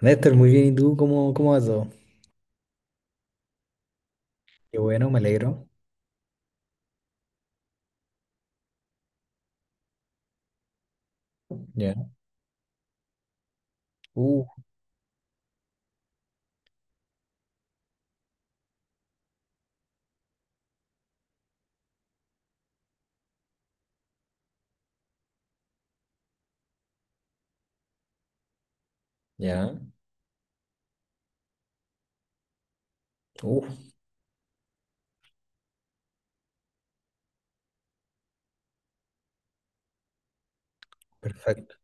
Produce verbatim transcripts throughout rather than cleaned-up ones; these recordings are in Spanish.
Néstor, muy bien. ¿Y tú cómo, cómo va todo? Qué bueno, me alegro. Ya. Uh, ya. uh, Perfecto.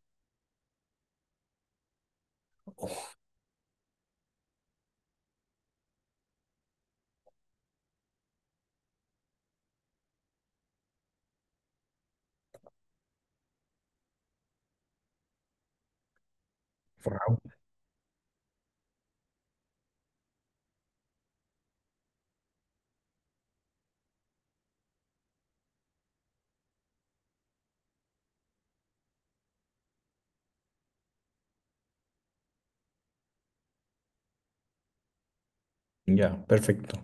Wow. Ya, perfecto.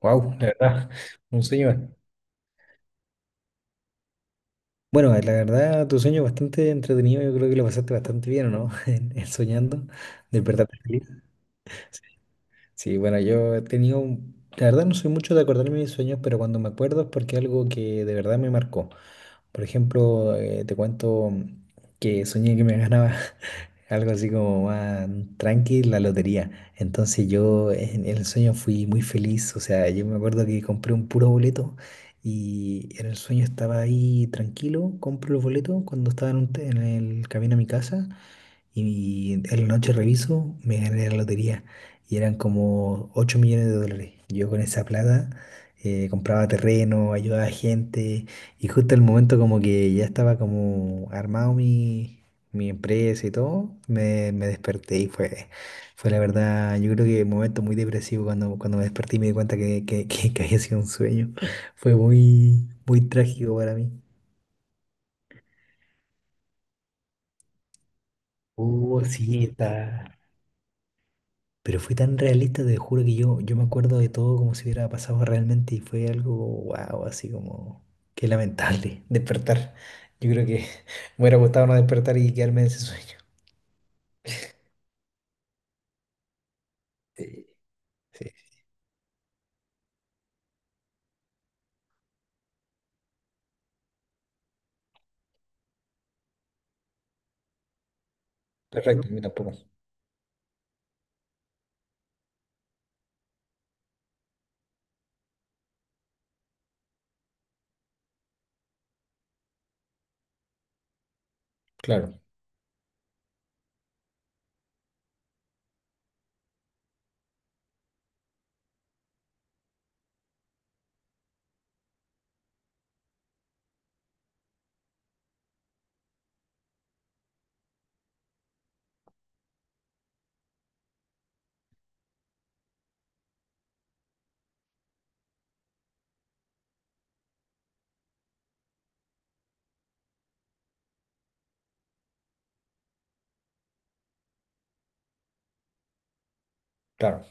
Wow. La verdad, un sueño bueno, la verdad, tu sueño es bastante entretenido. Yo creo que lo pasaste bastante bien, ¿o no? En, en soñando. Despertaste feliz. Sí, bueno, yo he tenido, un- la verdad no soy mucho de acordarme de mis sueños, pero cuando me acuerdo es porque algo que de verdad me marcó. Por ejemplo, eh, te cuento que soñé que me ganaba algo así como más tranqui la lotería. Entonces yo en el sueño fui muy feliz, o sea, yo me acuerdo que compré un puro boleto y en el sueño estaba ahí tranquilo, compro el boleto cuando estaba en, un te- en el camino a mi casa. Y en la noche reviso, me gané la lotería y eran como ocho millones de dólares. Yo con esa plata eh, compraba terreno, ayudaba a gente y justo el momento como que ya estaba como armado mi, mi empresa y todo. Me, me desperté y fue, fue la verdad, yo creo que un momento muy depresivo cuando, cuando me desperté y me di cuenta que, que, que, que había sido un sueño. Fue muy, muy trágico para mí. Oh, sí, está. Pero fue tan realista, te juro que yo, yo me acuerdo de todo como si hubiera pasado realmente y fue algo, wow, así como, qué lamentable despertar. Yo creo que me hubiera gustado no despertar y quedarme en ese sueño. Sí, sí, no, perfecto, a mí tampoco. Claro, claro.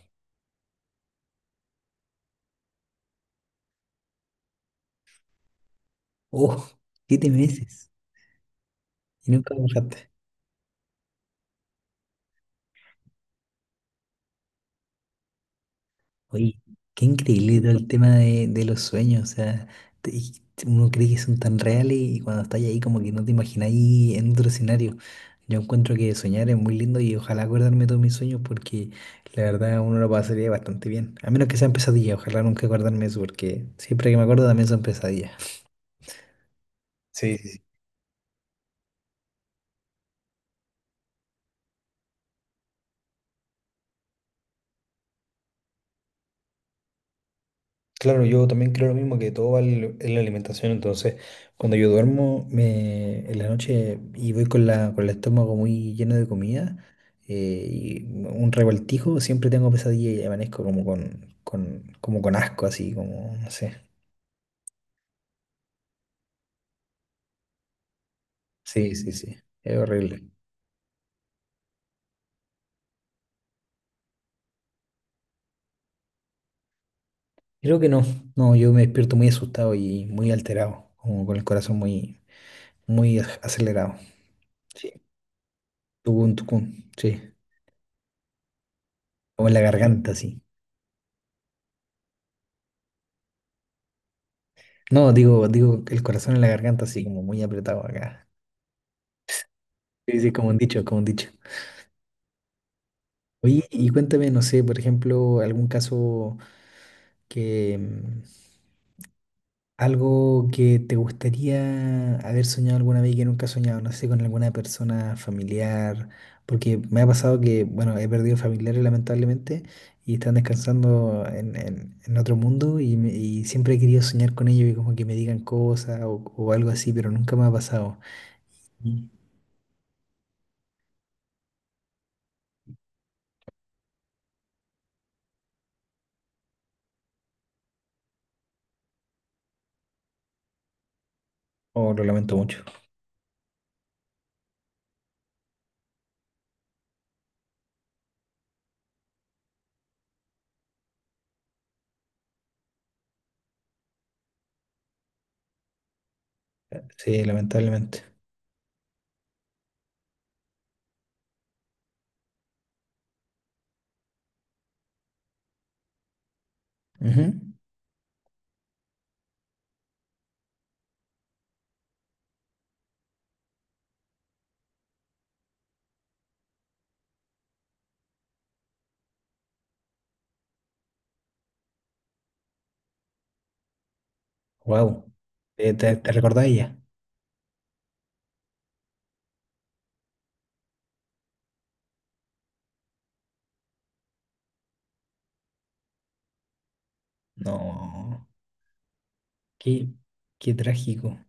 Oh, siete meses y nunca me. Oye, qué increíble todo el tema de, de los sueños, o sea, te- y uno cree que son tan reales y cuando estás ahí como que no te imagináis en otro escenario. Yo encuentro que soñar es muy lindo y ojalá acordarme de todos mis sueños porque la verdad uno lo pasaría bastante bien. A menos que sean pesadillas, ojalá nunca acordarme de eso porque siempre que me acuerdo también son pesadillas. Sí, sí, claro, yo también creo lo mismo que todo va en en la alimentación. Entonces, cuando yo duermo me, en la noche y voy con la, con el estómago muy lleno de comida eh, y un revoltijo, siempre tengo pesadilla y amanezco como con, con, como con asco, así como, no sé. Sí, sí, sí, es horrible. Creo que no, no, yo me despierto muy asustado y muy alterado, como con el corazón muy, muy ac- acelerado. Sí. Tucun, tucun, sí, como en la garganta, sí. No, digo, digo, el corazón en la garganta, así como muy apretado acá. Sí, sí, como un dicho, como un dicho. Oye, y cuéntame, no sé, por ejemplo, algún caso que, mm, algo que te gustaría haber soñado alguna vez y que nunca has soñado, no sé, con alguna persona familiar, porque me ha pasado que, bueno, he perdido familiares lamentablemente y están descansando en, en- en otro mundo y, me- y siempre he querido soñar con ellos y como que me digan cosas o, o algo así, pero nunca me ha pasado. Mm. Oh, lo lamento mucho. Sí, lamentablemente. Wow. ¿Te, te, te recordás de ella? No. Qué, qué trágico.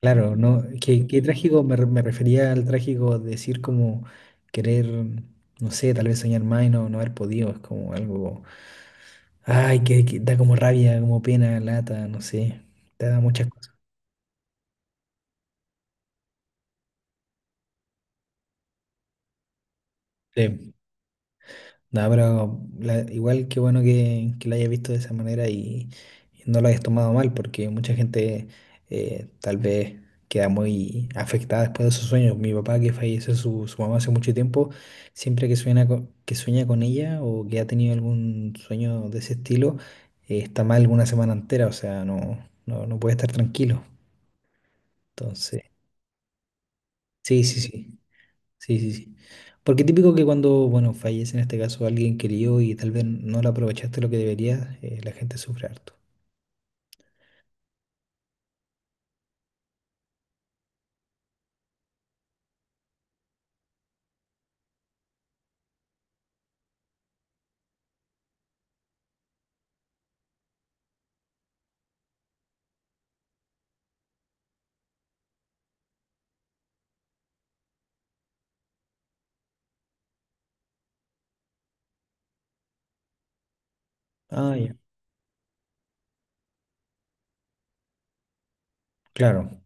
Claro, no. Qué, qué trágico, me, re- me refería al trágico decir como querer, no sé, tal vez soñar más y no, no haber podido. Es como algo. Ay, que, que da como rabia, como pena, lata, no sé. Te da muchas cosas. Sí. No, pero la- igual qué bueno que, que la hayas visto de esa manera y, y no la hayas tomado mal, porque mucha gente eh, tal vez queda muy afectada después de sus sueños. Mi papá, que falleció su, su mamá hace mucho tiempo, siempre que sueña con, que sueña con ella o que ha tenido algún sueño de ese estilo, eh, está mal una semana entera, o sea, no, no, no puede estar tranquilo. Entonces, sí, sí, sí. Sí, sí, sí. Porque típico que cuando, bueno, fallece en este caso alguien querido y tal vez no lo aprovechaste lo que deberías, eh, la gente sufre harto. Ah, ya. Claro,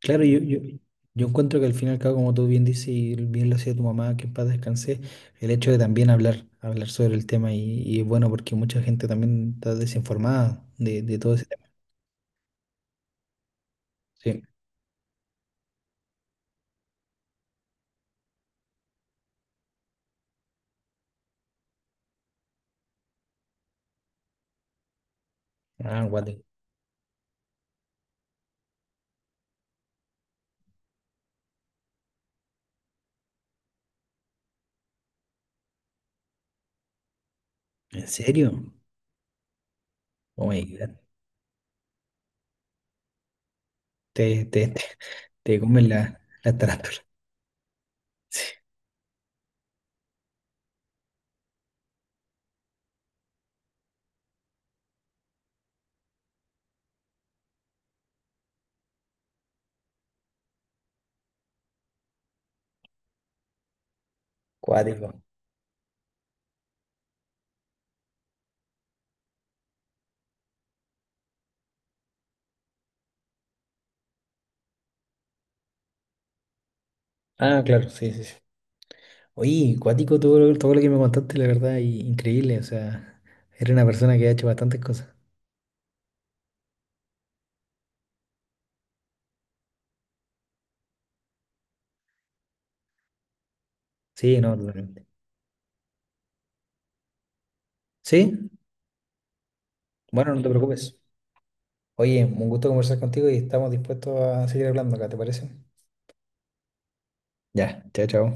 claro, yo, yo, yo encuentro que al final, cabo, como tú bien dices y bien lo hacía tu mamá, que en paz descanse, el hecho de también hablar, hablar sobre el tema y, y es bueno porque mucha gente también está desinformada de, de todo ese tema. Sí. Ah, guate. ¿En serio? Oh my God. Te, te, te, te comen la, la tarántula. Cuático. Ah, claro, sí, sí, sí. Oye, cuático todo lo, todo lo que me contaste, la verdad, y increíble. O sea, eres una persona que ha hecho bastantes cosas. Sí, no, totalmente. Sí, bueno, no te preocupes. Oye, un gusto conversar contigo y estamos dispuestos a seguir hablando acá, ¿te parece? Ya, chao, chao.